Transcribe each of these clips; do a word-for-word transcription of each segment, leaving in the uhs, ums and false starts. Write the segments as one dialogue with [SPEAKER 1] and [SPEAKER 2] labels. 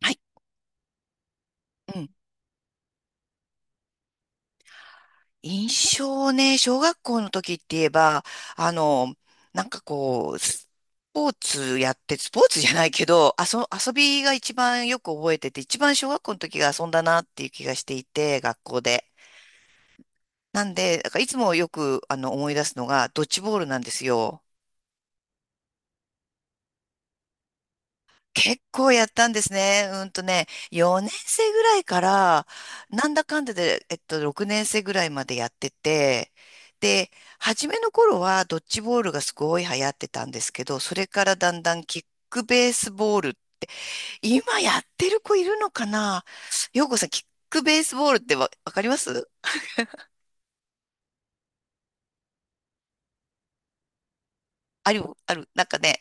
[SPEAKER 1] はい、うん。印象ね、小学校の時って言えば、あの、なんかこう、スポーツやって、スポーツじゃないけど、あそ、遊びが一番よく覚えてて、一番小学校の時が遊んだなっていう気がしていて、学校で。なんで、だからいつもよくあの思い出すのが、ドッジボールなんですよ。結構やったんですね。うんとね、よねん生ぐらいから、なんだかんだで、えっと、ろくねん生ぐらいまでやってて、で、初めの頃はドッジボールがすごい流行ってたんですけど、それからだんだんキックベースボール、今やってる子いるのかな。ようこさん、キックベースボールってわ、わかりますある、ある、なんかね、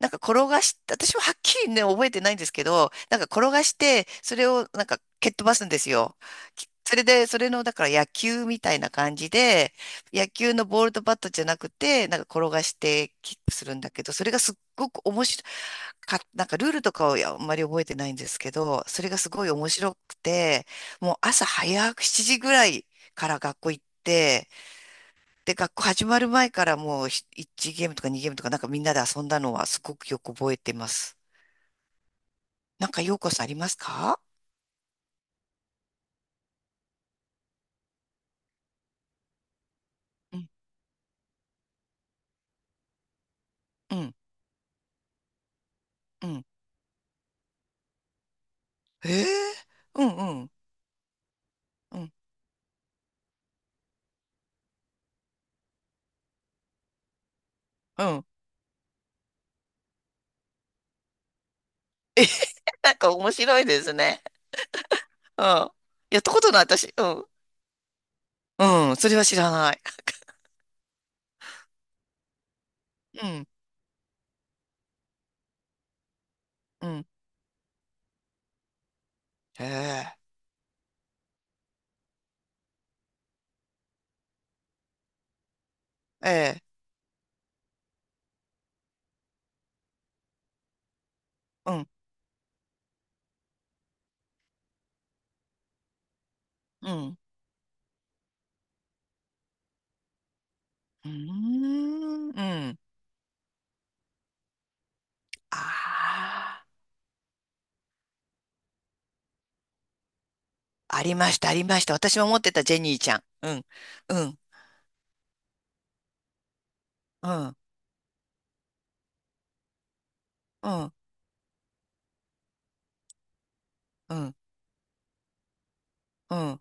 [SPEAKER 1] なんか転がし、私ははっきりね、覚えてないんですけど、なんか転がして、それをなんか蹴っ飛ばすんですよ。きそれで、それの、だから野球みたいな感じで、野球のボールとバットじゃなくて、なんか転がしてキックするんだけど、それがすっごく面白か、なんかルールとかをあんまり覚えてないんですけど、それがすごい面白くて、もう朝早くしちじぐらいから学校行って、で、学校始まる前からもうひいちゲームとかにゲームとかなんかみんなで遊んだのはすごくよく覚えてます。なんかようこさんありますか？うん、うん、うん。ええ、うんうん、うん、うん。えへへ。 なんか面白いですね。うん。やったことない私。うん。うん、それは知らない。うん、うん。ええええ、うん、うん。うーん、うん。ああ、ありました、ありました。私も持ってたジェニーちゃん。うん、うん、うん、うん、うん。うん。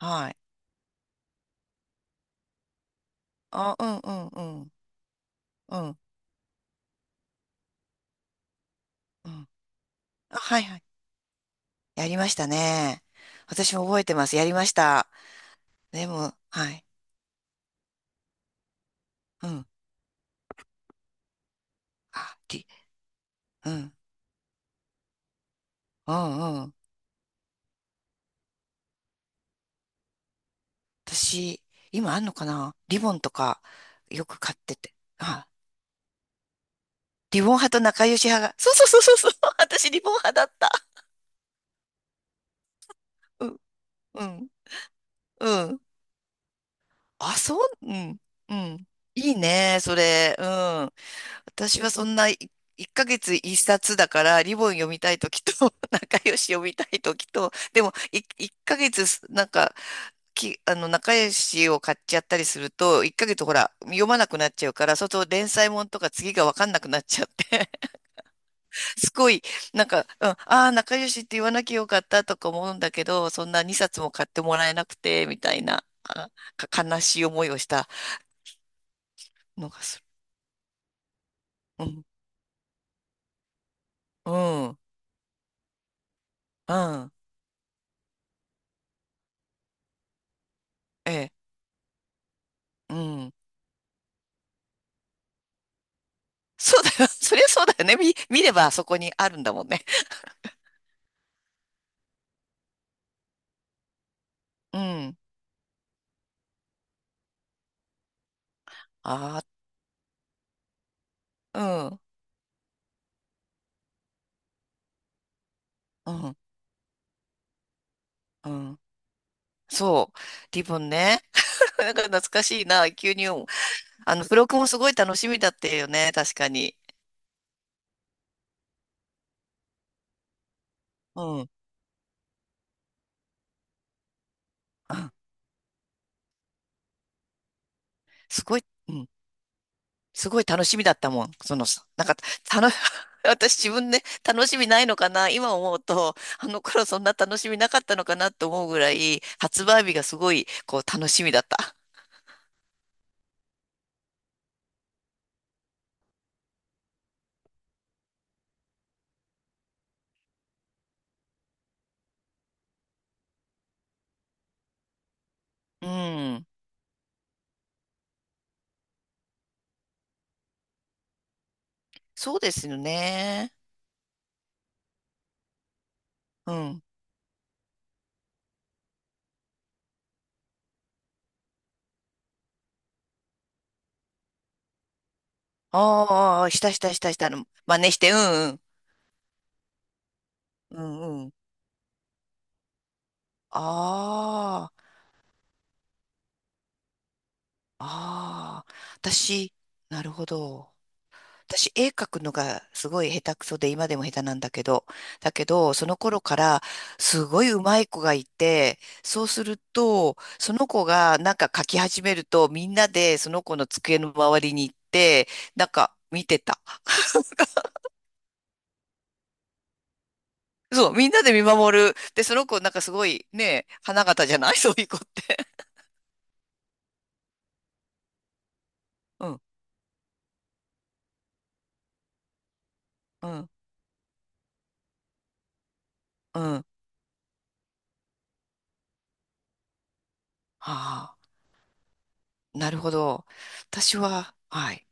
[SPEAKER 1] はい。あ、うんうんうん。うん。うん。あ、はいはい。やりましたね。私も覚えてます。やりました。でも、はい。うん。あ、り、うん。うんうん。私、今あんのかなリボンとか、よく買ってて。あ、リボン派と仲良し派が。そうそうそうそうそう。私、リボン派だった。うん。うん。うん。あ、そう、うん。うん。いいね、それ。うん。私はそんないっかげついっさつだからリボン読みたい時と 仲良し読みたい時と、でもいっかげつなんかきあの仲良しを買っちゃったりするといっかげつほら読まなくなっちゃうから、そうすると連載もんとか次が分かんなくなっちゃって すごいなんか、うん、ああー、仲良しって言わなきゃよかったとか思うんだけど、そんなにさつも買ってもらえなくてみたいな、あか悲しい思いをしたのがする。うん、うん、うん、ええ、うん。そうだよ。そりゃそうだよね。見、見ればそこにあるんだもんね。うん。ああ、うん、うん、うん。そう。リボンね。なんか懐かしいな。急に思う。あの、付録もすごい楽しみだったよね。確かに。うん。うん。すごい、うん。すごい楽しみだったもん。その、なんか、たの、私自分で楽しみないのかな。今思うと、あの頃そんな楽しみなかったのかなって思うぐらい、発売日がすごい、こう、楽しみだった。うん。そうですよね。うん。ああ、したしたしたした。あの真似して、うんうん。うんうん。ああ、ああ。私、なるほど。私、絵描くのがすごい下手くそで、今でも下手なんだけど、だけど、その頃から、すごい上手い子がいて、そうすると、その子がなんか描き始めると、みんなでその子の机の周りに行って、なんか見てた。そう、みんなで見守る。で、その子なんかすごいね、花形じゃない。 そういう子って。うん、うん、うん。ああ、なるほど。私は、はい。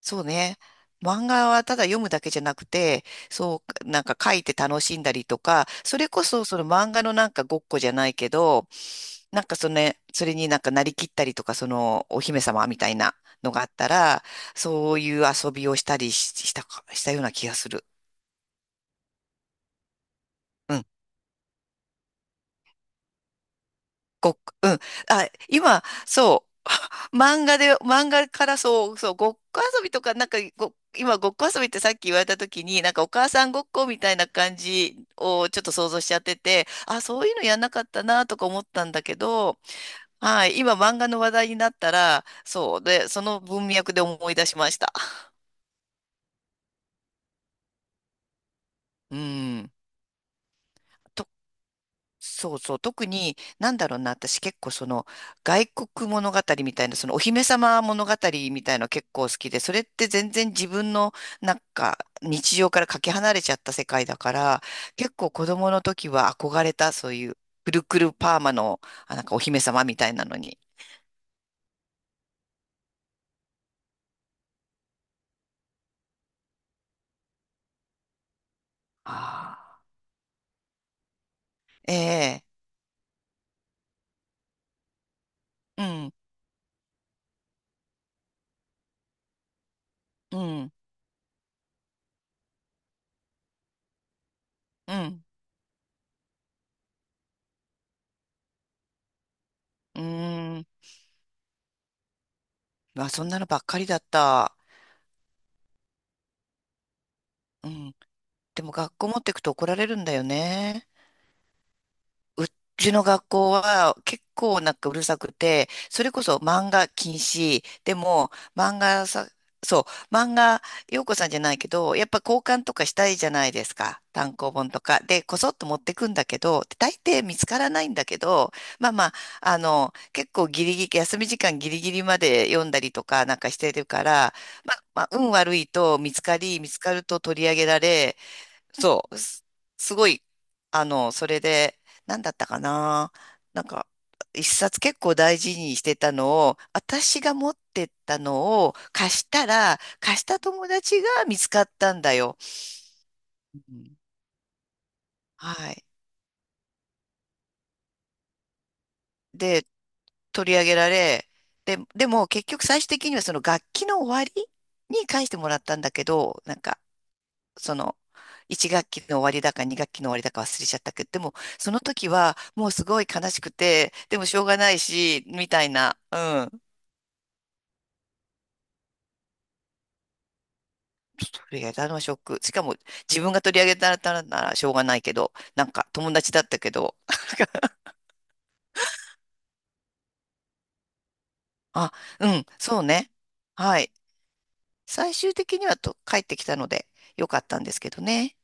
[SPEAKER 1] そうね。漫画はただ読むだけじゃなくて、そう、なんか書いて楽しんだりとか、それこそその漫画のなんかごっこじゃないけど、なんかそのね、それになんかなりきったりとか、そのお姫様みたいなのがあったら、そういう遊びをしたりし、したか、したような気がする。うんごっ、うん。あ、今、そう、漫画で、漫画からそう、そう、ごっこ遊びとか、なんかご、今、ごっこ遊びってさっき言われた時に、なんかお母さんごっこみたいな感じをちょっと想像しちゃってて、あ、そういうのやんなかったなとか思ったんだけど、はい、今、漫画の話題になったら、そう、で、その文脈で思い出しました。うん。そうそう。特に、なんだろうな、私結構その、外国物語みたいな、そのお姫様物語みたいの結構好きで、それって全然自分の、なんか、日常からかけ離れちゃった世界だから、結構子供の時は憧れた、そういう、くるくるパーマの、あ、なんかお姫様みたいなのに。ああ。ええ、うん、うん、うん、うーん。まあ、そんなのばっかりだった。うん。でも学校持ってくと怒られるんだよね。うちの学校は結構なんかうるさくて、それこそ漫画禁止。でも、漫画さ、そう、漫画、陽子さんじゃないけど、やっぱ交換とかしたいじゃないですか。単行本とか。で、こそっと持ってくんだけど、大抵見つからないんだけど、まあまあ、あの、結構ギリギリ、休み時間ギリギリまで読んだりとかなんかしてるから、まあ、まあ、運悪いと見つかり、見つかると取り上げられ、そう、す、すごい、あの、それで、なんだったかな。なんか、一冊結構大事にしてたのを、私が持ってったのを貸したら、貸した友達が見つかったんだよ。うん、はい。で、取り上げられ、で、でも結局最終的にはその楽器の終わりに返してもらったんだけど、なんか、その、いちがっき学期の終わりだかにがっき学期の終わりだか忘れちゃったけど、でも、その時はもうすごい悲しくて、でもしょうがないし、みたいな、うん。取り上げたのはショック。しかも、自分が取り上げたらならしょうがないけど、なんか友達だったけど。あ、うん、そうね。はい。最終的にはと帰ってきたので、よかったんですけどね。